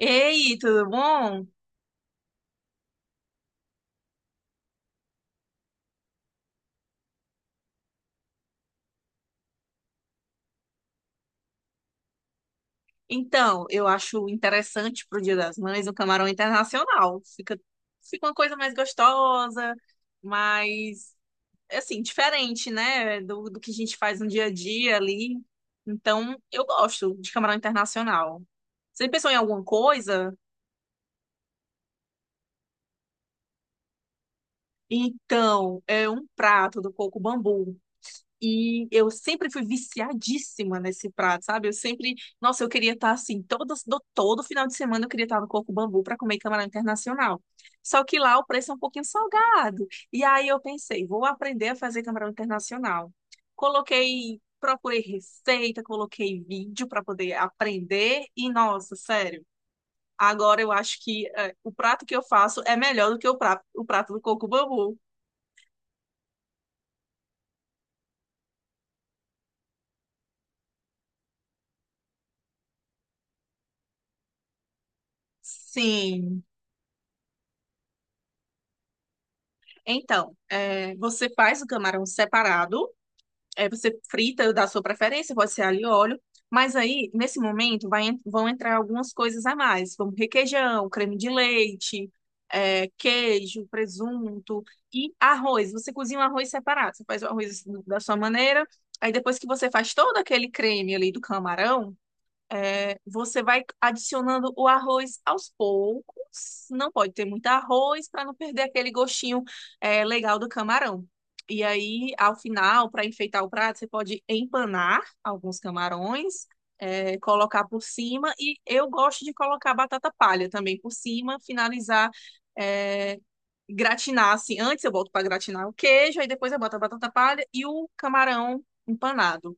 Ei, tudo bom? Então, eu acho interessante pro Dia das Mães o camarão internacional. Fica uma coisa mais gostosa, mais, assim, diferente, né? Do que a gente faz no dia a dia ali. Então, eu gosto de camarão internacional. Você pensou em alguma coisa? Então, é um prato do Coco Bambu. E eu sempre fui viciadíssima nesse prato, sabe? Eu sempre, nossa, eu queria estar assim, todo, todo final de semana eu queria estar no Coco Bambu para comer camarão internacional. Só que lá o preço é um pouquinho salgado. E aí eu pensei, vou aprender a fazer camarão internacional. Coloquei, procurei receita, coloquei vídeo para poder aprender e nossa, sério, agora eu acho que o prato que eu faço é melhor do que o prato do Coco Bambu. Sim. Então, é, você faz o camarão separado, é, você frita da sua preferência, pode ser alho e óleo, mas aí, nesse momento, vão entrar algumas coisas a mais, como requeijão, creme de leite, é, queijo, presunto e arroz. Você cozinha o arroz separado, você faz o arroz da sua maneira, aí depois que você faz todo aquele creme ali do camarão, é, você vai adicionando o arroz aos poucos. Não pode ter muito arroz para não perder aquele gostinho, é, legal do camarão. E aí, ao final, para enfeitar o prato, você pode empanar alguns camarões, é, colocar por cima. E eu gosto de colocar batata palha também por cima, finalizar, é, gratinar assim. Antes eu boto para gratinar o queijo, aí depois eu boto a batata palha e o camarão empanado.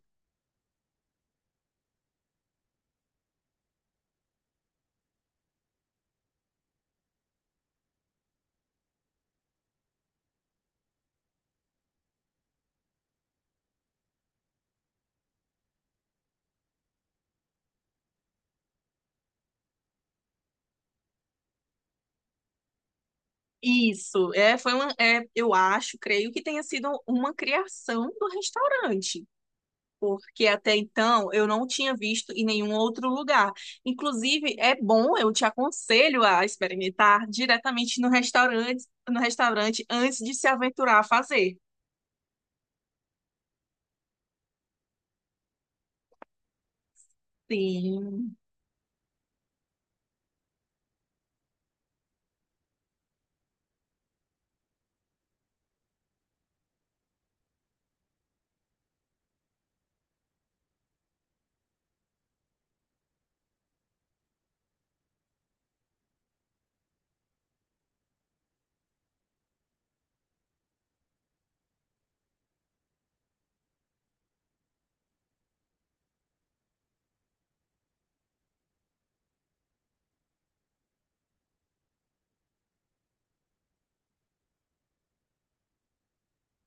Isso, é, foi uma, é, eu acho, creio que tenha sido uma criação do restaurante, porque até então eu não tinha visto em nenhum outro lugar. Inclusive, é bom, eu te aconselho a experimentar diretamente no restaurante, antes de se aventurar a fazer. Sim,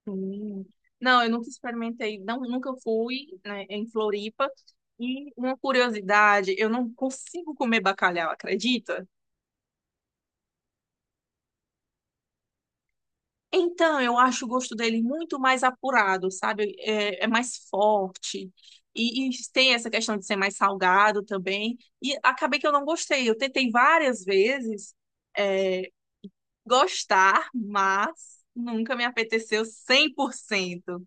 sim. Não, eu nunca experimentei, não, nunca fui, né, em Floripa. E uma curiosidade, eu não consigo comer bacalhau, acredita? Então, eu acho o gosto dele muito mais apurado, sabe? É, é mais forte. E tem essa questão de ser mais salgado também. E acabei que eu não gostei. Eu tentei várias vezes, é, gostar, mas nunca me apeteceu 100%.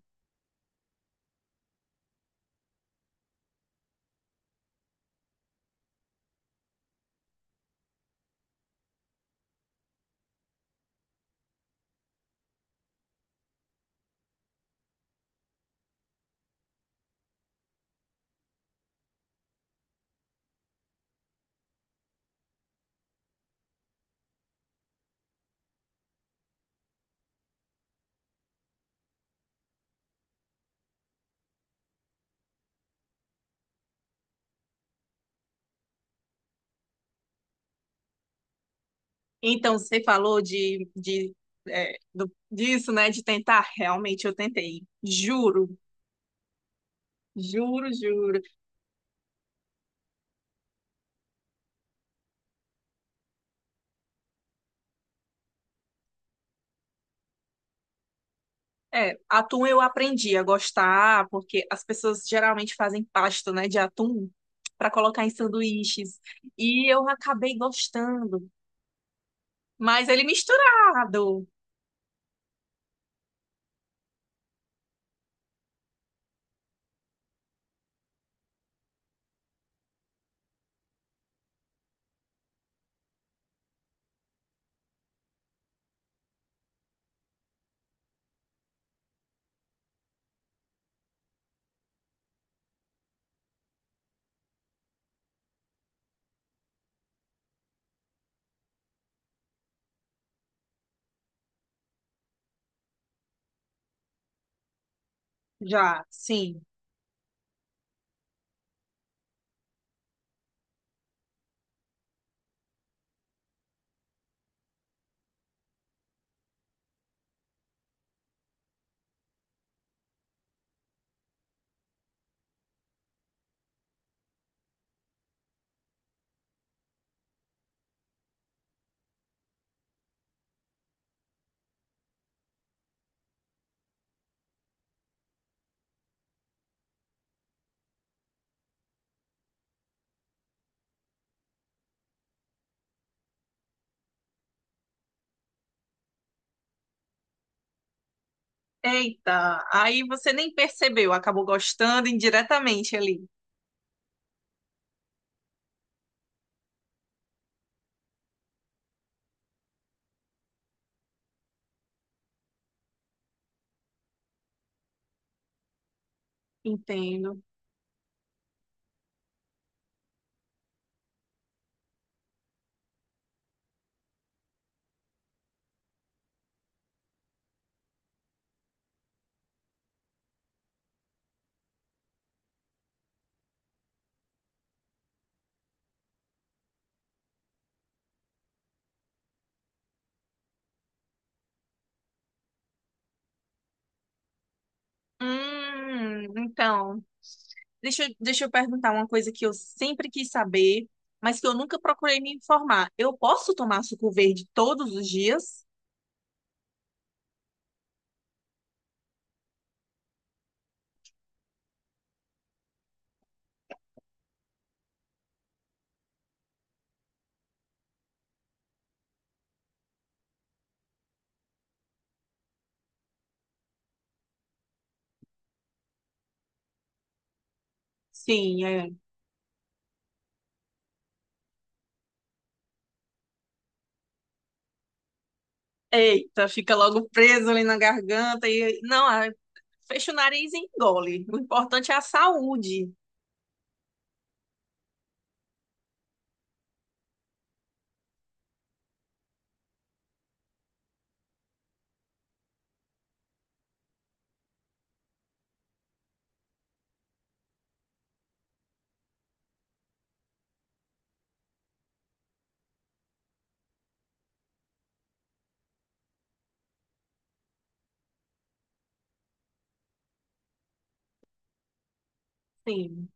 Então, você falou é, disso, né? De tentar. Realmente, eu tentei. Juro, juro, juro. É, atum eu aprendi a gostar, porque as pessoas geralmente fazem pasta, né, de atum para colocar em sanduíches. E eu acabei gostando, mas ele misturado já, sim. Eita, aí você nem percebeu, acabou gostando indiretamente ali. Entendo. Então, deixa eu perguntar uma coisa que eu sempre quis saber, mas que eu nunca procurei me informar. Eu posso tomar suco verde todos os dias? Sim, é. Eita, fica logo preso ali na garganta e não, ah, fecha o nariz e engole. O importante é a saúde. Sim.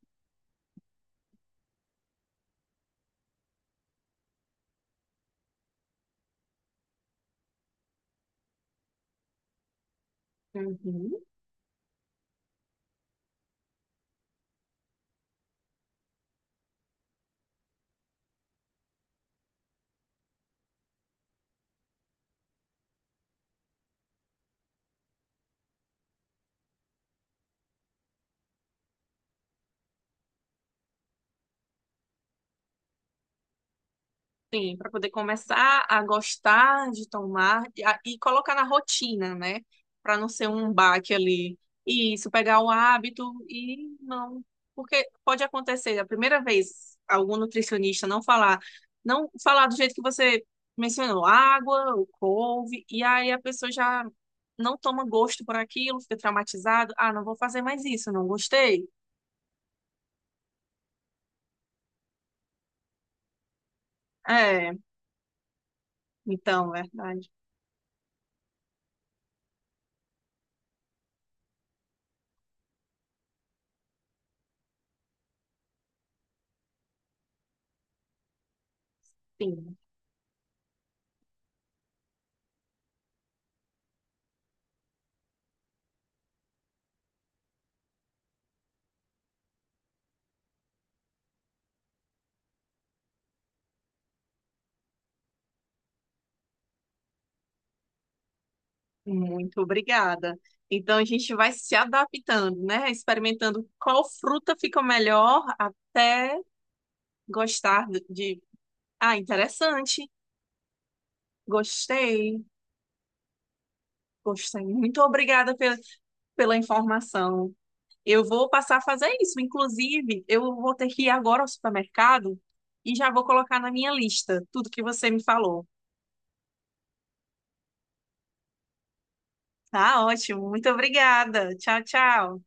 Uhum. Sim, para poder começar a gostar de tomar e colocar na rotina, né? Para não ser um baque ali. Isso, pegar o hábito e não. Porque pode acontecer, a primeira vez, algum nutricionista não falar, não falar do jeito que você mencionou, água, o couve, e aí a pessoa já não toma gosto por aquilo, fica traumatizado. Ah, não vou fazer mais isso, não gostei. É, então, é verdade. Sim. Muito obrigada. Então a gente vai se adaptando, né? Experimentando qual fruta fica melhor até gostar de. De- Ah, interessante. Gostei. Gostei. Muito obrigada pela, pela informação. Eu vou passar a fazer isso. Inclusive, eu vou ter que ir agora ao supermercado e já vou colocar na minha lista tudo que você me falou. Tá ótimo. Muito obrigada. Tchau, tchau.